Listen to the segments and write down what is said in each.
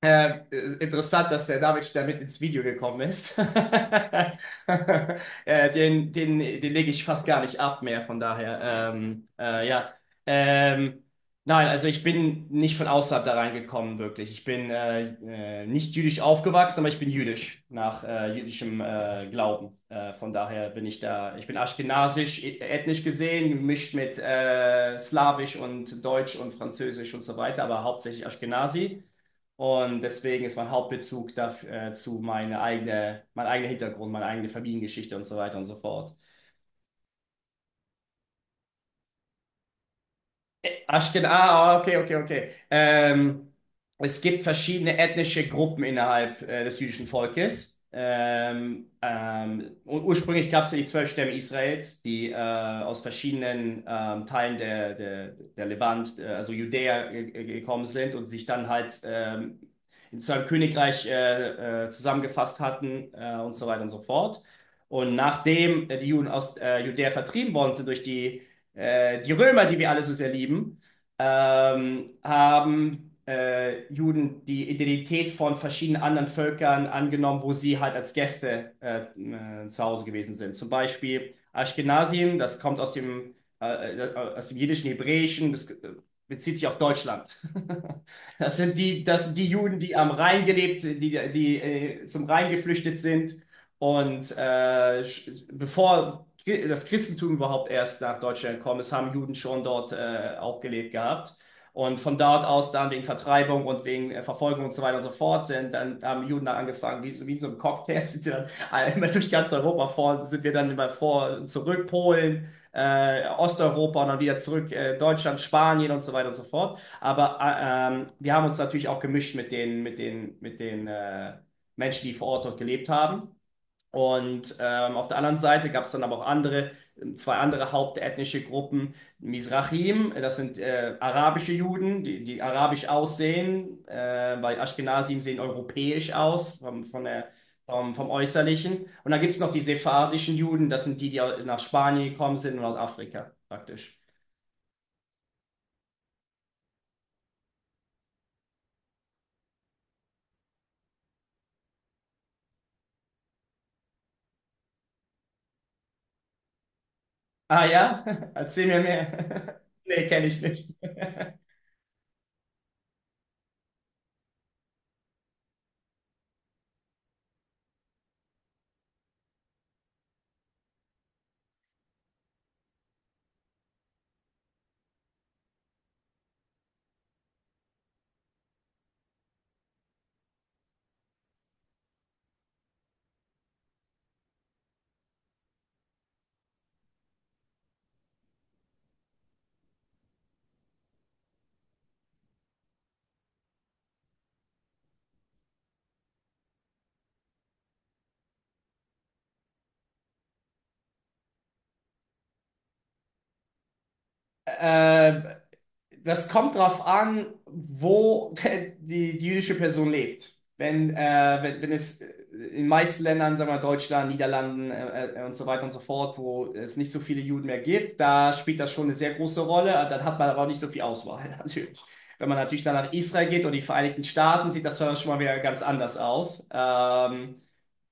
Äh, Interessant, dass der David damit ins Video gekommen ist. Den lege ich fast gar nicht ab mehr, von daher. Ja. Ähm, nein, also ich bin nicht von außerhalb da reingekommen, wirklich. Ich bin nicht jüdisch aufgewachsen, aber ich bin jüdisch nach jüdischem Glauben. Von daher bin ich da, ich bin aschkenasisch, ethnisch gesehen, gemischt mit Slawisch und Deutsch und Französisch und so weiter, aber hauptsächlich Aschkenasi. Und deswegen ist mein Hauptbezug dafür, mein eigener Hintergrund, meine eigene Familiengeschichte und so weiter und so fort. Ach, genau. Okay, okay, okay. Es gibt verschiedene ethnische Gruppen innerhalb des jüdischen Volkes. Und ursprünglich gab es ja die 12 Stämme Israels, die aus verschiedenen Teilen der Levant, also Judäa, gekommen sind und sich dann halt in zu einem Königreich zusammengefasst hatten und so weiter und so fort. Und nachdem die Juden aus Judäa vertrieben worden sind durch die Römer, die wir alle so sehr lieben, haben Juden die Identität von verschiedenen anderen Völkern angenommen, wo sie halt als Gäste zu Hause gewesen sind. Zum Beispiel Ashkenazim, das kommt aus aus dem jiddischen Hebräischen, das bezieht sich auf Deutschland. Das sind die Juden, die am Rhein gelebt, die zum Rhein geflüchtet sind. Und äh, Bevor das Christentum überhaupt erst nach Deutschland gekommen ist, haben Juden schon dort auch gelebt gehabt. Und von dort aus dann wegen Vertreibung und wegen Verfolgung und so weiter und so fort sind, dann haben Juden dann angefangen, so- wie so ein Cocktail, sind sie dann immer durch ganz Europa vor, sind wir dann immer vor zurück, Polen, Osteuropa und dann wieder zurück, Deutschland, Spanien und so weiter und so fort. Wir haben uns natürlich auch gemischt mit mit den Menschen, die vor Ort dort gelebt haben. Auf der anderen Seite gab es dann aber auch zwei andere hauptethnische Gruppen. Mizrahim, das sind arabische Juden, die arabisch aussehen, weil Ashkenazim sehen europäisch aus, vom, von der, vom, vom Äußerlichen. Und dann gibt es noch die sephardischen Juden, das sind die, die nach Spanien gekommen sind und Nordafrika praktisch. Ah ja, erzähl mir mehr. Nee, kenne ich nicht. Äh, Das kommt drauf an, wo die jüdische Person lebt. Wenn es in den meisten Ländern, sagen wir mal Deutschland, Niederlanden und so weiter und so fort, wo es nicht so viele Juden mehr gibt, da spielt das schon eine sehr große Rolle. Dann hat man aber auch nicht so viel Auswahl, natürlich. Wenn man natürlich dann nach Israel geht und die Vereinigten Staaten, sieht das dann schon mal wieder ganz anders aus. Ähm,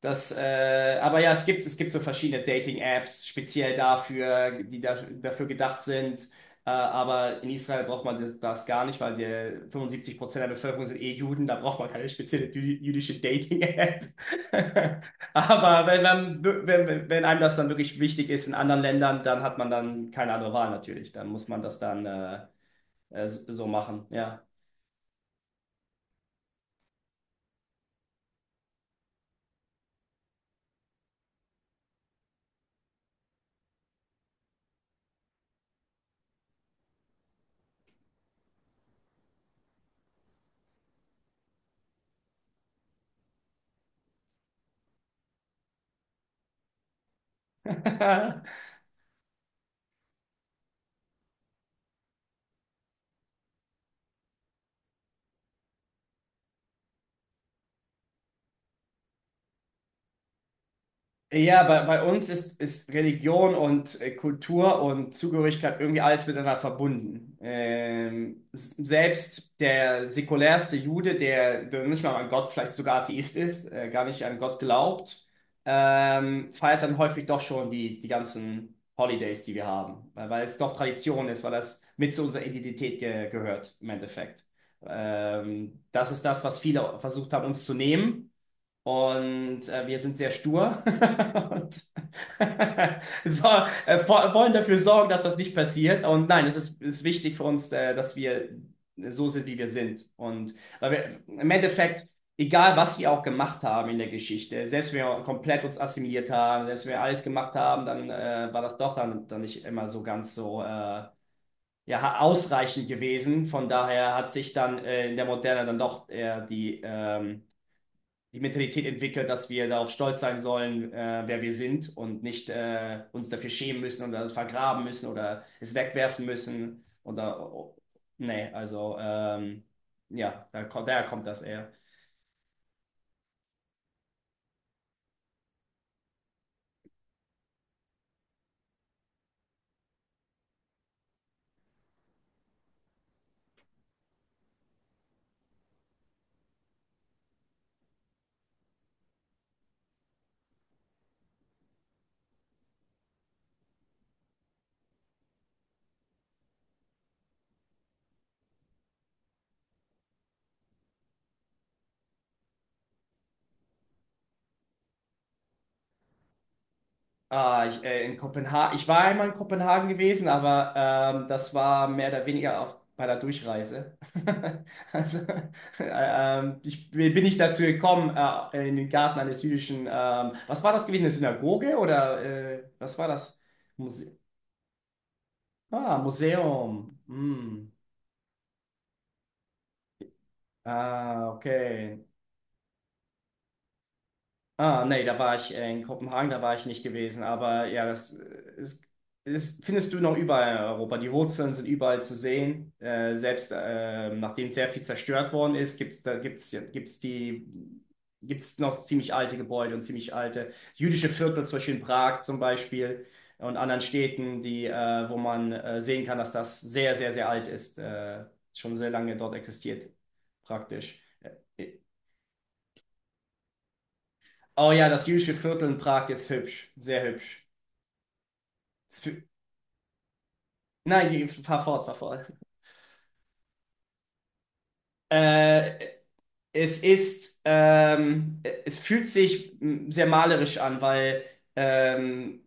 das, äh, Aber ja, es gibt so verschiedene Dating-Apps, speziell dafür, dafür gedacht sind aber in Israel braucht man das gar nicht, weil der 75% der Bevölkerung sind eh Juden, da braucht man keine spezielle jüdische Dating-App. Aber wenn, man, wenn, Wenn einem das dann wirklich wichtig ist in anderen Ländern, dann hat man dann keine andere Wahl natürlich. Dann muss man das dann so machen, ja. Ja, bei uns ist, ist Religion und Kultur und Zugehörigkeit irgendwie alles miteinander verbunden. Selbst der säkulärste Jude, der nicht mal an Gott, vielleicht sogar Atheist ist, gar nicht an Gott glaubt, feiert dann häufig doch schon die ganzen Holidays, die wir haben, weil es doch Tradition ist, weil das mit zu unserer Identität ge gehört im Endeffekt. Das ist das, was viele versucht haben, uns zu nehmen. Und wir sind sehr stur und so, wollen dafür sorgen, dass das nicht passiert. Und nein, es ist wichtig für uns, dass wir so sind, wie wir sind. Und weil wir im Endeffekt, egal was wir auch gemacht haben in der Geschichte, selbst wenn wir komplett uns assimiliert haben, selbst wenn wir alles gemacht haben, dann war das doch dann nicht immer so ganz so ja, ausreichend gewesen. Von daher hat sich dann in der Moderne dann doch eher die Mentalität entwickelt, dass wir darauf stolz sein sollen, wer wir sind und nicht uns dafür schämen müssen oder es vergraben müssen oder es wegwerfen müssen. Nee, also ja, daher kommt das eher. Ich war einmal in Kopenhagen gewesen, aber das war mehr oder weniger auf, bei der Durchreise. Also, äh, Ich bin nicht dazu gekommen, in den Garten eines jüdischen. Was war das gewesen? Eine Synagoge oder was war das? Muse Ah, Museum. Hm. Ah, okay. Nee, da war ich in Kopenhagen, da war ich nicht gewesen, aber ja, das ist, ist, findest du noch überall in Europa. Die Wurzeln sind überall zu sehen. Selbst nachdem sehr viel zerstört worden ist, gibt's da gibt's, ja- gibt's die, gibt's noch ziemlich alte Gebäude und ziemlich alte jüdische Viertel, zum Beispiel und anderen Städten, wo man sehen kann, dass das sehr, sehr, sehr alt ist, schon sehr lange dort existiert, praktisch. Äh, Oh ja, das Jüdische Viertel in Prag ist hübsch, sehr hübsch. Es fü- Nein, die, fahr fort, fahr fort. Äh, es ist, ähm, Es fühlt sich sehr malerisch an, weil ähm,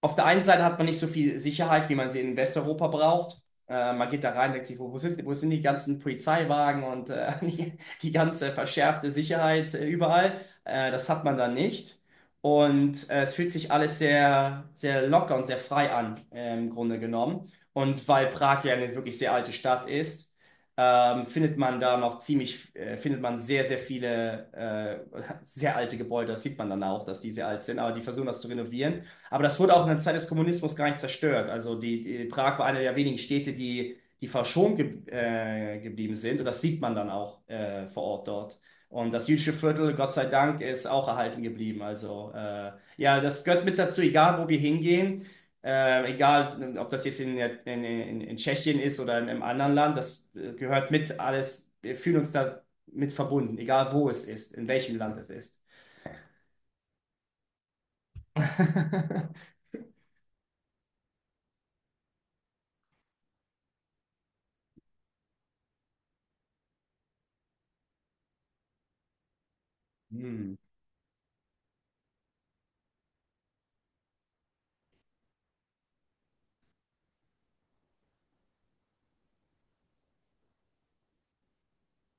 auf der einen Seite hat man nicht so viel Sicherheit, wie man sie in Westeuropa braucht. Man geht da rein, denkt sich, wo sind die ganzen Polizeiwagen und die ganze verschärfte Sicherheit überall? Das hat man da nicht. Und es fühlt sich alles sehr, sehr locker und sehr frei an, im Grunde genommen. Und weil Prag ja eine wirklich sehr alte Stadt ist, findet man da noch findet man sehr, sehr viele sehr alte Gebäude. Das sieht man dann auch, dass die sehr alt sind, aber die versuchen das zu renovieren. Aber das wurde auch in der Zeit des Kommunismus gar nicht zerstört. Die Prag war eine der wenigen Städte, die verschont ge geblieben sind. Und das sieht man dann auch vor Ort dort. Und das jüdische Viertel, Gott sei Dank, ist auch erhalten geblieben. Also ja, das gehört mit dazu, egal wo wir hingehen. Egal, ob das jetzt in Tschechien ist oder in einem anderen Land, das gehört mit alles. Wir fühlen uns da mit verbunden, egal wo es ist, in welchem Land es ist. Hm,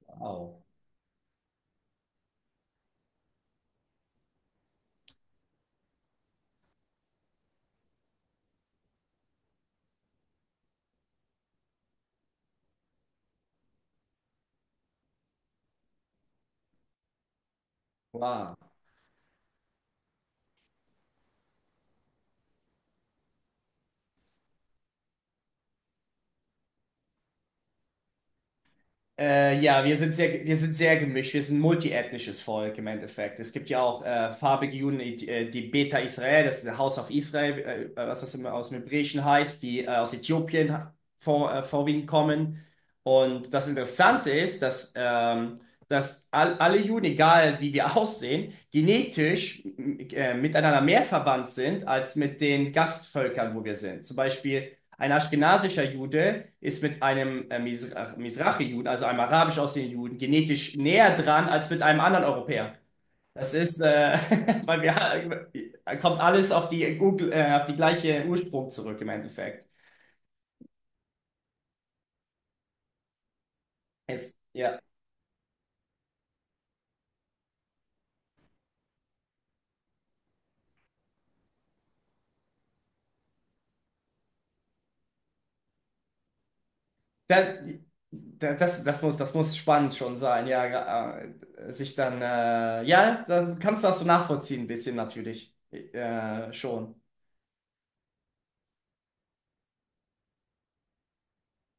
wow. Wow. Ja, wir sind sehr gemischt. Wir sind ein multiethnisches Volk im Endeffekt. Es gibt ja auch farbige Juden, die Beta Israel, das ist der House of Israel, was das immer aus dem Hebräischen heißt, die aus Äthiopien vorwiegend kommen. Und das Interessante ist, dass alle Juden, egal wie wir aussehen, genetisch miteinander mehr verwandt sind als mit den Gastvölkern, wo wir sind. Zum Beispiel. Ein aschkenasischer Jude ist mit einem Misra- juden also einem arabisch aussehenden Juden, genetisch näher dran als mit einem anderen Europäer. Das ist, äh, weil wir, Kommt alles auf auf die gleiche Ursprung zurück im Endeffekt. Es, ja, da, da, das, Das muss, das muss spannend schon sein, ja, ja, das kannst du das so nachvollziehen, ein bisschen natürlich, schon.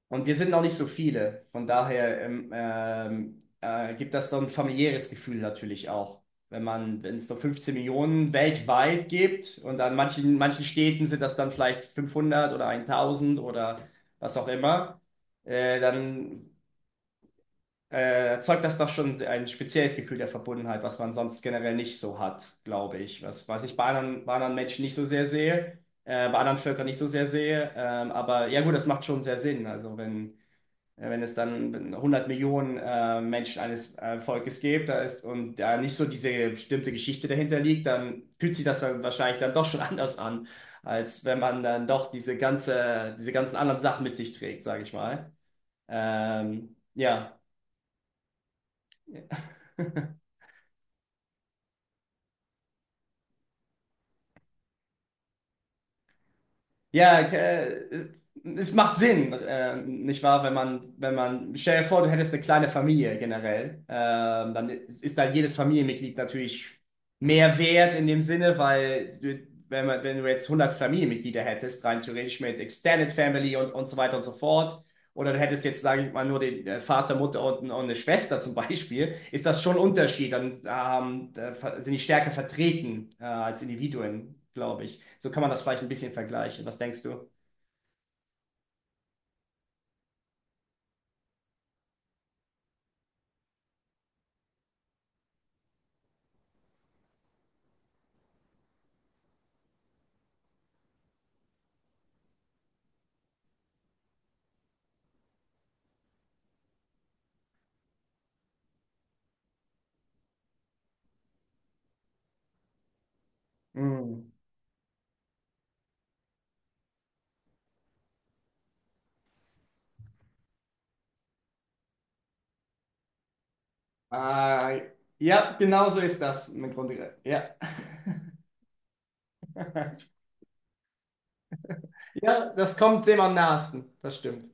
Und wir sind noch nicht so viele. Von daher gibt das so ein familiäres Gefühl natürlich auch. Wenn es nur 15 Millionen weltweit gibt und an manchen Städten sind das dann vielleicht 500 oder 1000 oder was auch immer, dann erzeugt das doch schon ein spezielles Gefühl der Verbundenheit, was man sonst generell nicht so hat, glaube ich. Was ich bei anderen Menschen nicht so sehr sehe, bei anderen Völkern nicht so sehr sehe. Aber ja gut, das macht schon sehr Sinn. Also, wenn es dann 100 Millionen Menschen eines Volkes gibt, da ist und da nicht so diese bestimmte Geschichte dahinter liegt, dann fühlt sich das dann wahrscheinlich dann doch schon anders an, als wenn man dann doch diese ganzen anderen Sachen mit sich trägt, sage ich mal. Ja. Ja, es macht Sinn, nicht wahr? Wenn man, stell dir vor, du hättest eine kleine Familie generell, dann ist da jedes Familienmitglied natürlich mehr wert in dem Sinne, weil du, wenn du jetzt 100 Familienmitglieder hättest, rein theoretisch mit Extended Family und so weiter und so fort, oder du hättest jetzt, sage ich mal, nur den Vater, Mutter und eine Schwester zum Beispiel, ist das schon ein Unterschied. Dann da sind die stärker vertreten als Individuen, glaube ich. So kann man das vielleicht ein bisschen vergleichen. Was denkst du? Hm. Äh, ja, genau so ist das im Grunde. Ja. Ja, das kommt dem am nahesten. Das stimmt.